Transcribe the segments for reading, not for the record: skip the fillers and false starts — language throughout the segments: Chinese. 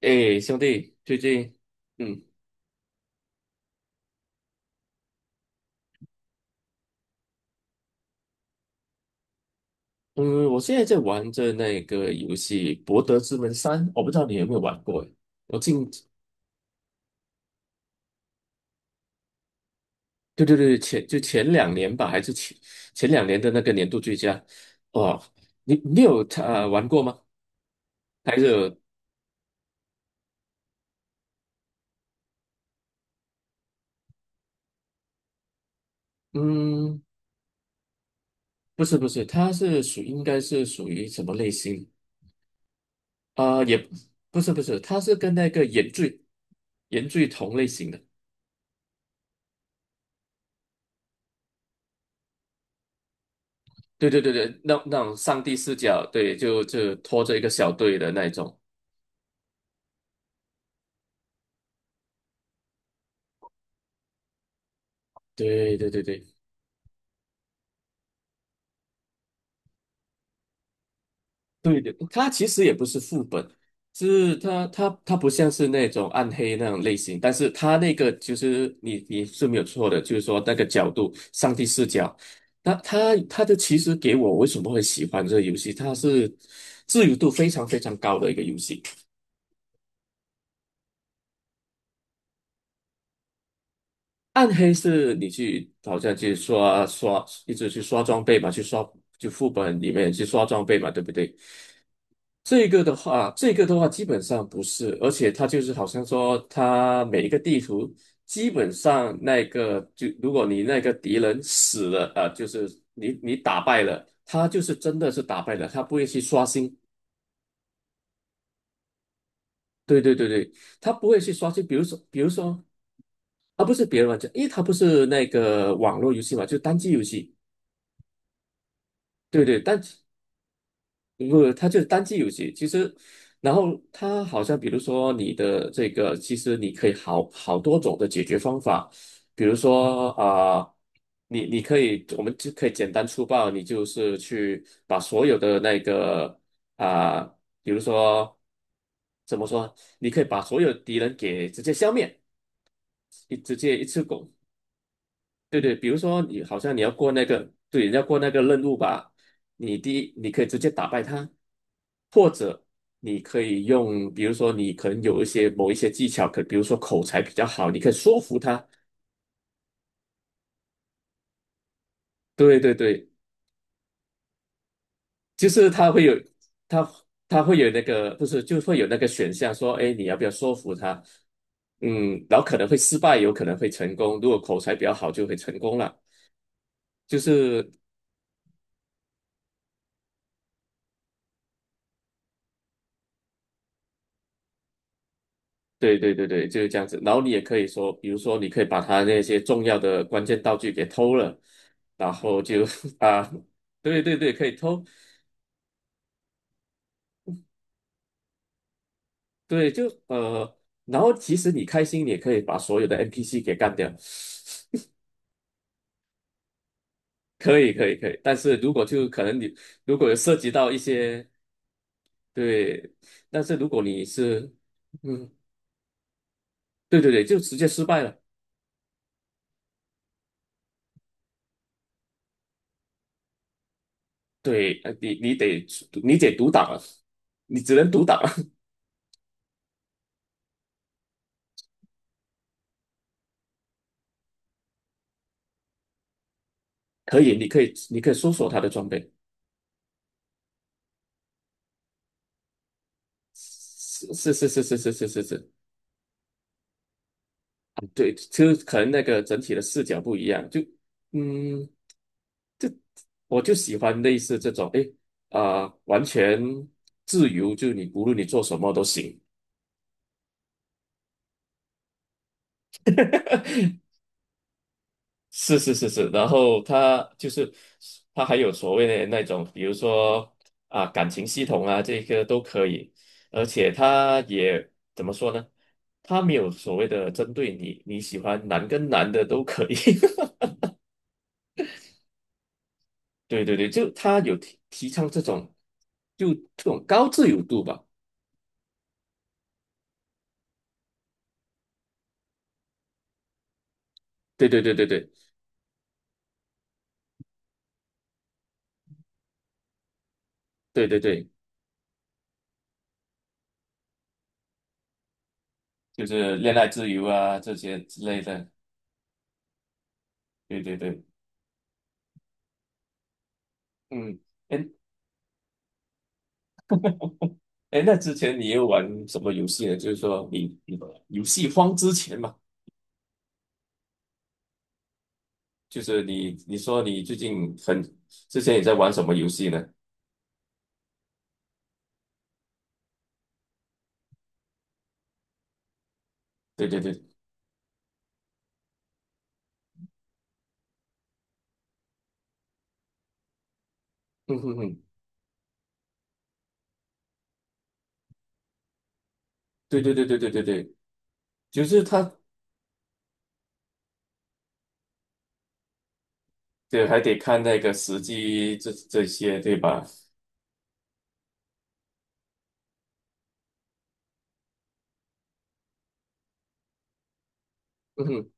哎，兄弟，最近，嗯嗯，我现在在玩着那个游戏《博德之门三》，我不知道你有没有玩过诶。我近，对对对，就前两年吧，还是前两年的那个年度最佳。哦，你有他玩过吗？还是有嗯，不是不是，它是属应该是属于什么类型，也不是不是，它是跟那个原罪同类型的。对对对对，那种上帝视角，对，就拖着一个小队的那一种，对对对对对的，它其实也不是副本，是它不像是那种暗黑那种类型，但是它那个就是你是没有错的，就是说那个角度，上帝视角，那它的其实给我为什么会喜欢这个游戏，它是自由度非常非常高的一个游戏。暗黑是你去好像去刷刷，一直去刷装备嘛，去刷就副本里面去刷装备嘛，对不对？这个的话基本上不是，而且它就是好像说，它每一个地图基本上那个就如果你那个敌人死了，就是你打败了，他就是真的是打败了，他不会去刷新。对对对对，他不会去刷新。比如说，啊，不是别人玩家，因为他不是那个网络游戏嘛，就是单机游戏。对对，但不，它就是单机游戏。其实，然后它好像，比如说你的这个，其实你可以好多种的解决方法。比如说你可以，我们就可以简单粗暴，你就是去把所有的那个啊、比如说怎么说，你可以把所有敌人给直接消灭，直接一次过。对对，比如说你好像你要过那个，对，你要过那个任务吧，你第一你可以直接打败他，或者你可以用，比如说你可能有一些某一些技巧，可比如说口才比较好，你可以说服他。对对对，就是他他会有那个不是，就会有那个选项说，哎，你要不要说服他？嗯，然后可能会失败，有可能会成功。如果口才比较好，就会成功了。就是对对对对，就是这样子。然后你也可以说，比如说，你可以把他那些重要的关键道具给偷了，然后就 啊，对对对，可以偷，对，就然后其实你开心，你也可以把所有的 NPC 给干掉，可以可以可以。但是如果就可能你如果有涉及到一些对，但是如果你是嗯，对对对，就直接失败了，对，你得独挡了，你只能独挡了，可以，你可以搜索他的装备。是是是是是是是是，对，就可能那个整体的视角不一样，就嗯，我就喜欢类似这种，诶，完全自由，就你无论你做什么都行。是是是是，然后他就是他还有所谓的那种，比如说啊感情系统啊，这个都可以，而且他也怎么说呢？他没有所谓的针对你，你喜欢男跟男的都可以。对对对，就他有提倡这种，就这种高自由度吧。对对对对对对对对，就是恋爱自由啊这些之类的。对对对，嗯，哎哎，那之前你有玩什么游戏呢？就是说你游戏荒之前嘛，就是你说你最近很之前也在玩什么游戏呢？对对对，嗯哼哼，对对对对对对对，就是他对还得看那个时机这些对吧？嗯哼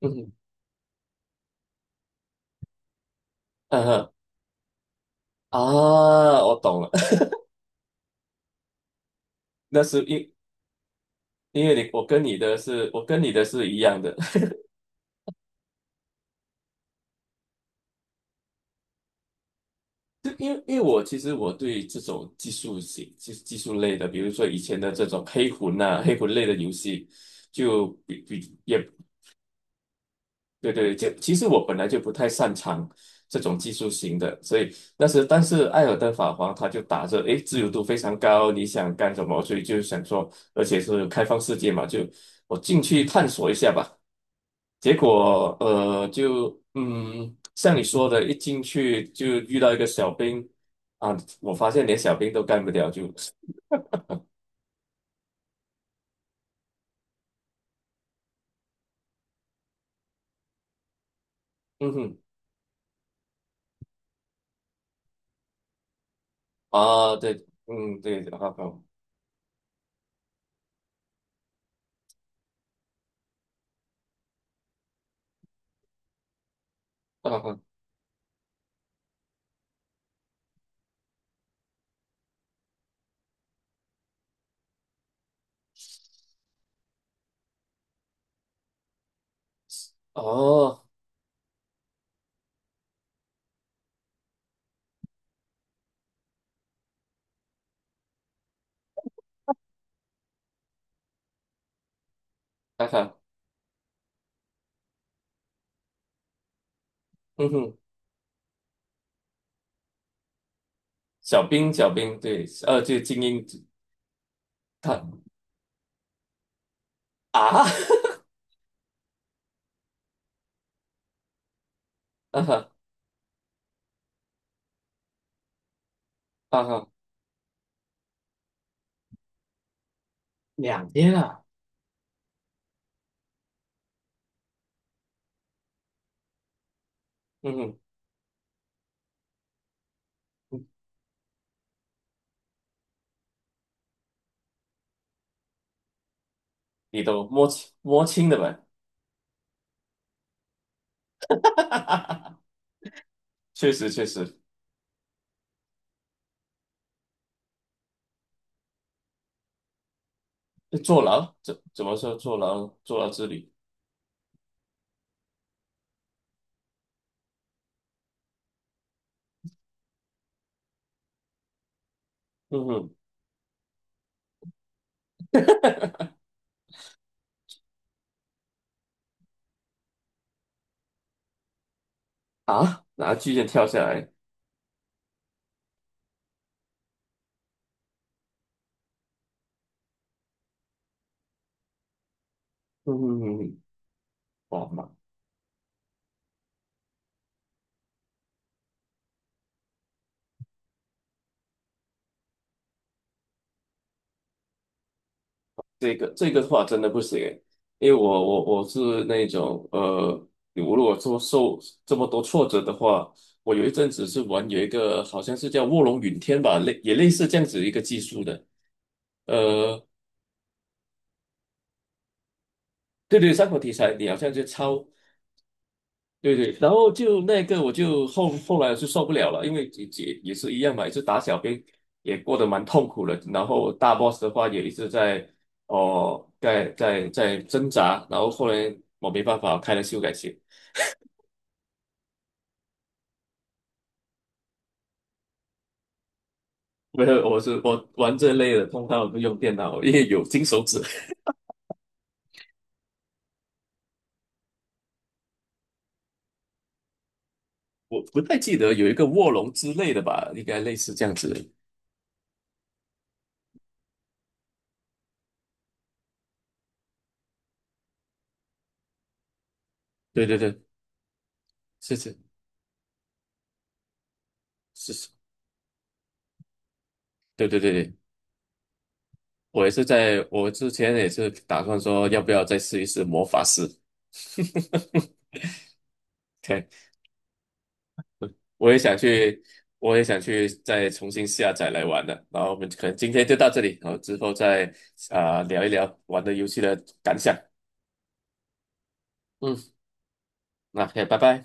嗯哼。嗯哼啊，我懂了，那是因为你我跟你的是一样的，就因为我其实对这种技术型技术类的，比如说以前的这种黑魂呐、黑魂类的游戏，就比比也对对，就其实我本来就不太擅长这种技术型的，所以但是《艾尔登法皇他就打着诶自由度非常高，你想干什么，所以就想说，而且是开放世界嘛，就我进去探索一下吧。结果就像你说的，一进去就遇到一个小兵啊，我发现连小兵都干不掉，就嗯哼啊，对，嗯对，啊啊啊哦，看看，嗯哼，小兵小兵，对，就精英，他啊 啊哈啊哈，两天啊，嗯哼，你都摸清摸清的呗，确实确实，坐牢怎么说坐牢之旅，嗯哼。啊，拿巨剑跳下来，嗯嗯嗯，嗯哇妈，这个的话真的不行诶，因为我是那种我如果说受这么多挫折的话，我有一阵子是玩有一个好像是叫卧龙云天吧，也类似这样子一个技术的，呃，对对，三国题材，你好像就抄。对对，然后就那个我就后来是受不了了，因为也是一样嘛，也是打小兵，也过得蛮痛苦的。然后大 boss 的话也一直在挣扎，然后后来我没办法开了修改器，没有，我玩这类的，通常我都用电脑，因为有金手指。我不太记得有一个卧龙之类的吧，应该类似这样子的对对对，是是是，是对对对对。我之前也是打算说，要不要再试一试魔法师？OK，我也想去，我也想去，再重新下载来玩的。然后我们可能今天就到这里，然后之后再聊一聊玩的游戏的感想。嗯，那 OK，拜拜。